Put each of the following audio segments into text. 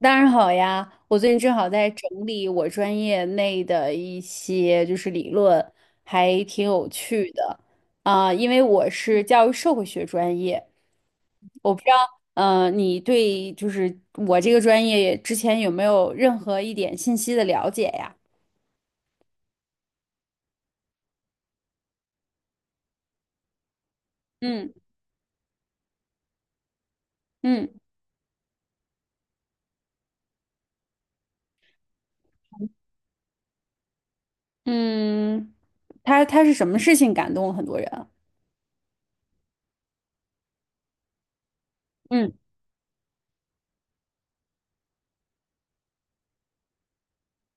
当然好呀，我最近正好在整理我专业内的一些就是理论，还挺有趣的啊，因为我是教育社会学专业，我不知道，你对就是我这个专业之前有没有任何一点信息的了解呀？嗯嗯嗯，他是什么事情感动了很多人啊嗯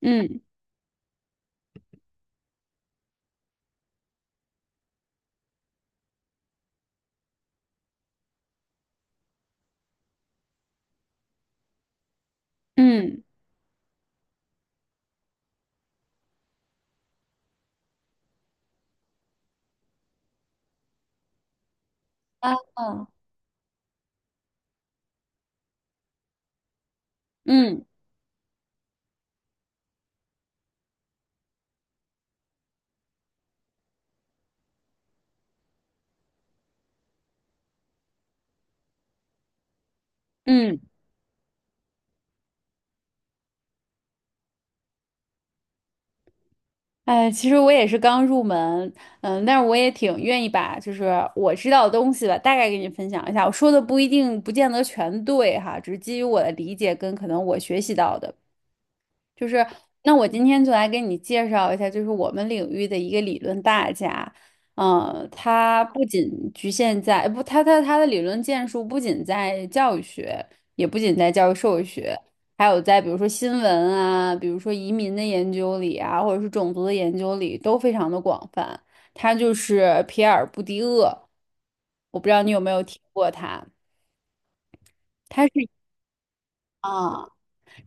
嗯嗯啊啊嗯嗯。其实我也是刚入门，嗯，但是我也挺愿意把就是我知道的东西吧，大概给你分享一下。我说的不一定不见得全对哈，只是基于我的理解跟可能我学习到的。就是，那我今天就来给你介绍一下，就是我们领域的一个理论大家。他不仅局限在，不，他他他的理论建树不仅在教育学，也不仅在教育社会学，还有在比如说新闻啊，比如说移民的研究里啊，或者是种族的研究里，都非常的广泛。他就是皮尔布迪厄，我不知道你有没有听过他，他是啊。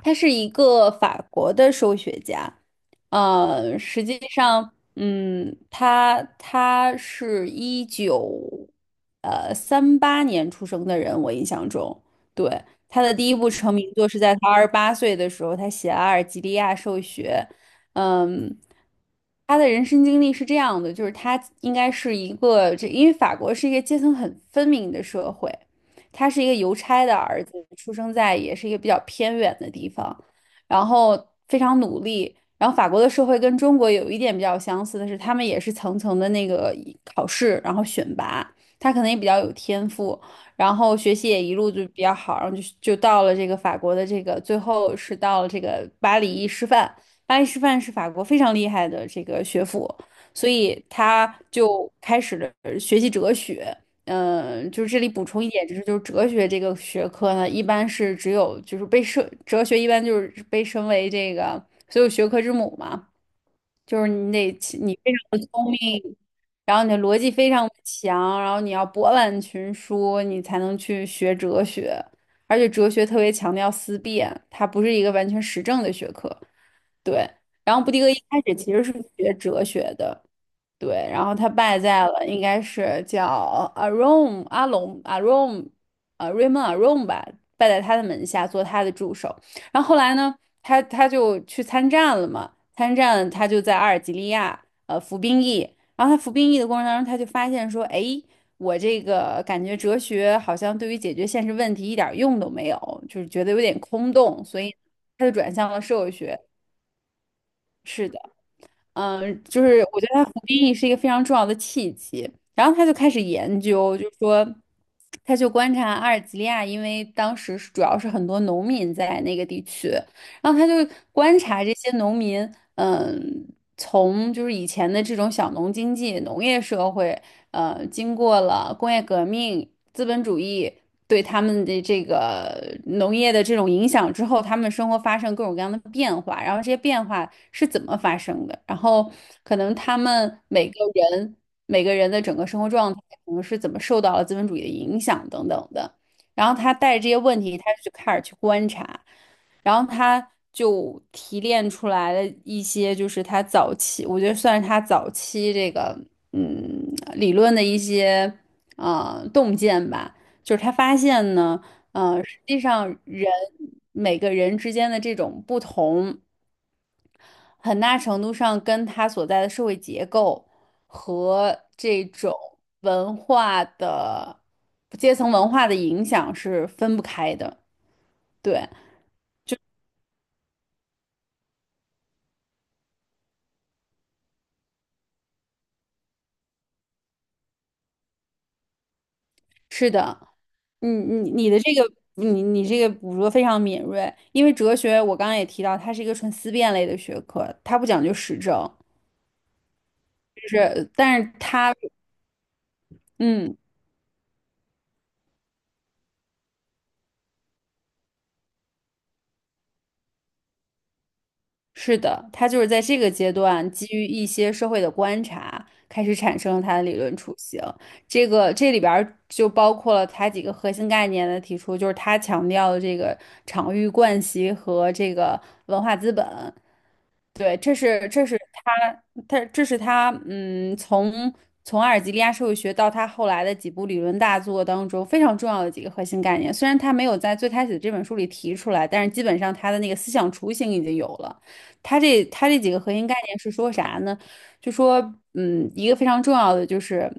他是一个法国的数学家，实际上，他是一九三八年出生的人，我印象中，对，他的第一部成名作是在他28岁的时候，他写了阿尔及利亚数学》，嗯。他的人生经历是这样的，就是他应该是一个，因为法国是一个阶层很分明的社会，他是一个邮差的儿子，出生在也是一个比较偏远的地方，然后非常努力。然后法国的社会跟中国有一点比较相似的是，他们也是层层的那个考试，然后选拔。他可能也比较有天赋，然后学习也一路就比较好，然后就到了这个法国的这个，最后是到了这个巴黎师范。巴黎师范是法国非常厉害的这个学府，所以他就开始了学习哲学，就是这里补充一点，就是哲学这个学科呢，一般是只有就是被设哲学一般就是被称为这个所有学科之母嘛，就是你非常的聪明，然后你的逻辑非常强，然后你要博览群书，你才能去学哲学，而且哲学特别强调思辨，它不是一个完全实证的学科，对。然后布迪厄一开始其实是学哲学的。对，然后他败在了，应该是叫阿 r o m 阿龙 Arom r a y m 吧，败在他的门下做他的助手。然后后来呢，他就去参战了嘛，参战他就在阿尔及利亚服兵役，然后他服兵役的过程当中，他就发现说，哎，我这个感觉哲学好像对于解决现实问题一点儿用都没有，就是觉得有点空洞，所以他就转向了社会学。是的。就是我觉得他服兵役是一个非常重要的契机，然后他就开始研究，就是说，他就观察阿尔及利亚，因为当时是主要是很多农民在那个地区，然后他就观察这些农民，嗯，从就是以前的这种小农经济、农业社会，经过了工业革命、资本主义对他们的这个农业的这种影响之后，他们生活发生各种各样的变化，然后这些变化是怎么发生的，然后可能他们每个人的整个生活状态，可能是怎么受到了资本主义的影响等等的。然后他带着这些问题，他就开始去观察。然后他就提炼出来了一些，就是他早期，我觉得算是他早期这个嗯理论的一些啊，洞见吧。就是他发现呢，实际上每个人之间的这种不同，很大程度上跟他所在的社会结构和这种文化的阶层文化的影响是分不开的。对。是的，你的这个你这个捕捉非常敏锐，因为哲学我刚刚也提到，它是一个纯思辨类的学科，它不讲究实证，就是但是它嗯是的，它就是在这个阶段基于一些社会的观察，开始产生它的理论雏形。这里边儿就包括了它几个核心概念的提出，就是它强调的这个场域惯习和这个文化资本。对，这是他从阿尔及利亚社会学到他后来的几部理论大作当中非常重要的几个核心概念。虽然他没有在最开始的这本书里提出来，但是基本上他的那个思想雏形已经有了。他这几个核心概念是说啥呢？就说一个非常重要的就是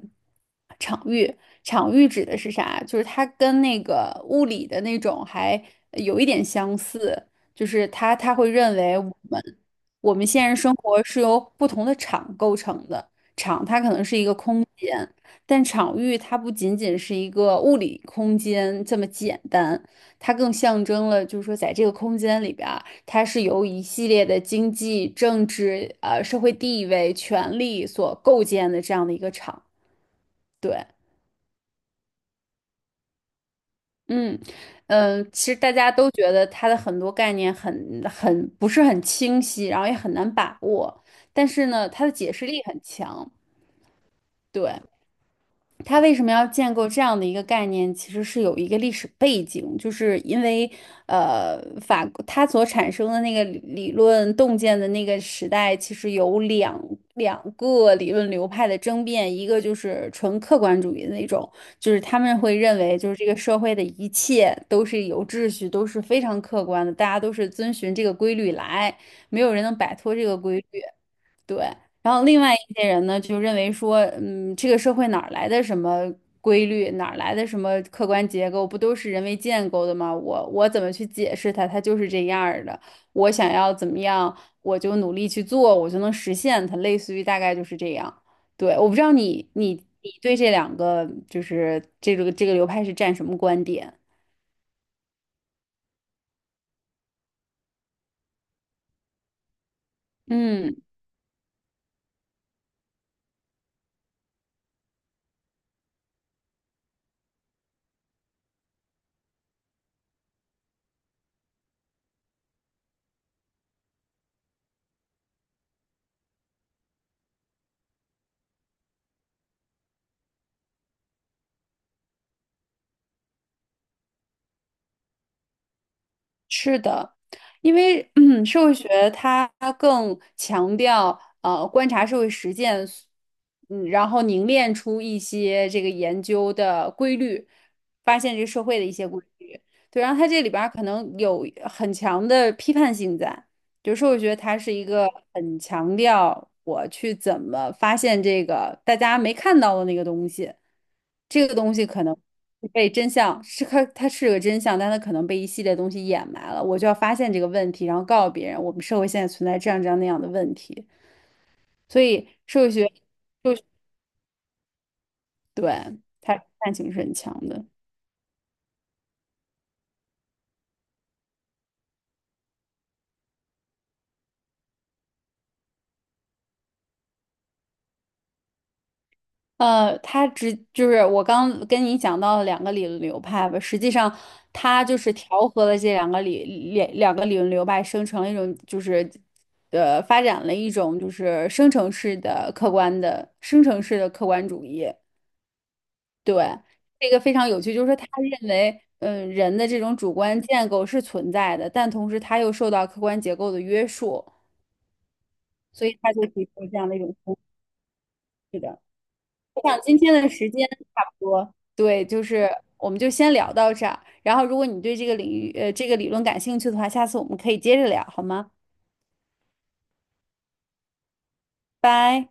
场域，场域指的是啥？就是它跟那个物理的那种还有一点相似，就是他会认为我们。我们现实生活是由不同的场构成的，场它可能是一个空间，但场域它不仅仅是一个物理空间这么简单，它更象征了，就是说在这个空间里边儿它是由一系列的经济、政治、社会地位、权力所构建的这样的一个场。对，嗯。其实大家都觉得它的很多概念很不是很清晰，然后也很难把握。但是呢，它的解释力很强。对，他为什么要建构这样的一个概念，其实是有一个历史背景，就是因为，它所产生的那个理论洞见的那个时代，其实有两个理论流派的争辩，一个就是纯客观主义的那种，就是他们会认为，就是这个社会的一切都是有秩序，都是非常客观的，大家都是遵循这个规律来，没有人能摆脱这个规律。对，然后另外一些人呢，就认为说，这个社会哪儿来的什么规律，哪儿来的什么客观结构，不都是人为建构的吗？我怎么去解释它？它就是这样儿的。我想要怎么样，我就努力去做，我就能实现它。类似于大概就是这样。对，我不知道你对这两个就是这个流派是站什么观点？嗯。是的，因为社会学它更强调观察社会实践，然后凝练出一些这个研究的规律，发现这个社会的一些规律。对，然后它这里边儿可能有很强的批判性在。比如说，我觉得它是一个很强调我去怎么发现这个大家没看到的那个东西，这个东西可能被真相是它是个真相，但它可能被一系列东西掩埋了，我就要发现这个问题，然后告诉别人我们社会现在存在这样这样那样的问题。所以社会学，就对，它探性是很强的。他只就是我刚跟你讲到的两个理论流派吧，实际上他就是调和了这两个理论流派，生成了一种就是发展了一种就是生成式的客观主义。对，这个非常有趣，就是说他认为。嗯，人的这种主观建构是存在的，但同时他又受到客观结构的约束，所以他就提出了这样的一种方式。我想今天的时间差不多，对，就是我们就先聊到这儿。然后，如果你对这个领域，这个理论感兴趣的话，下次我们可以接着聊，好吗？拜。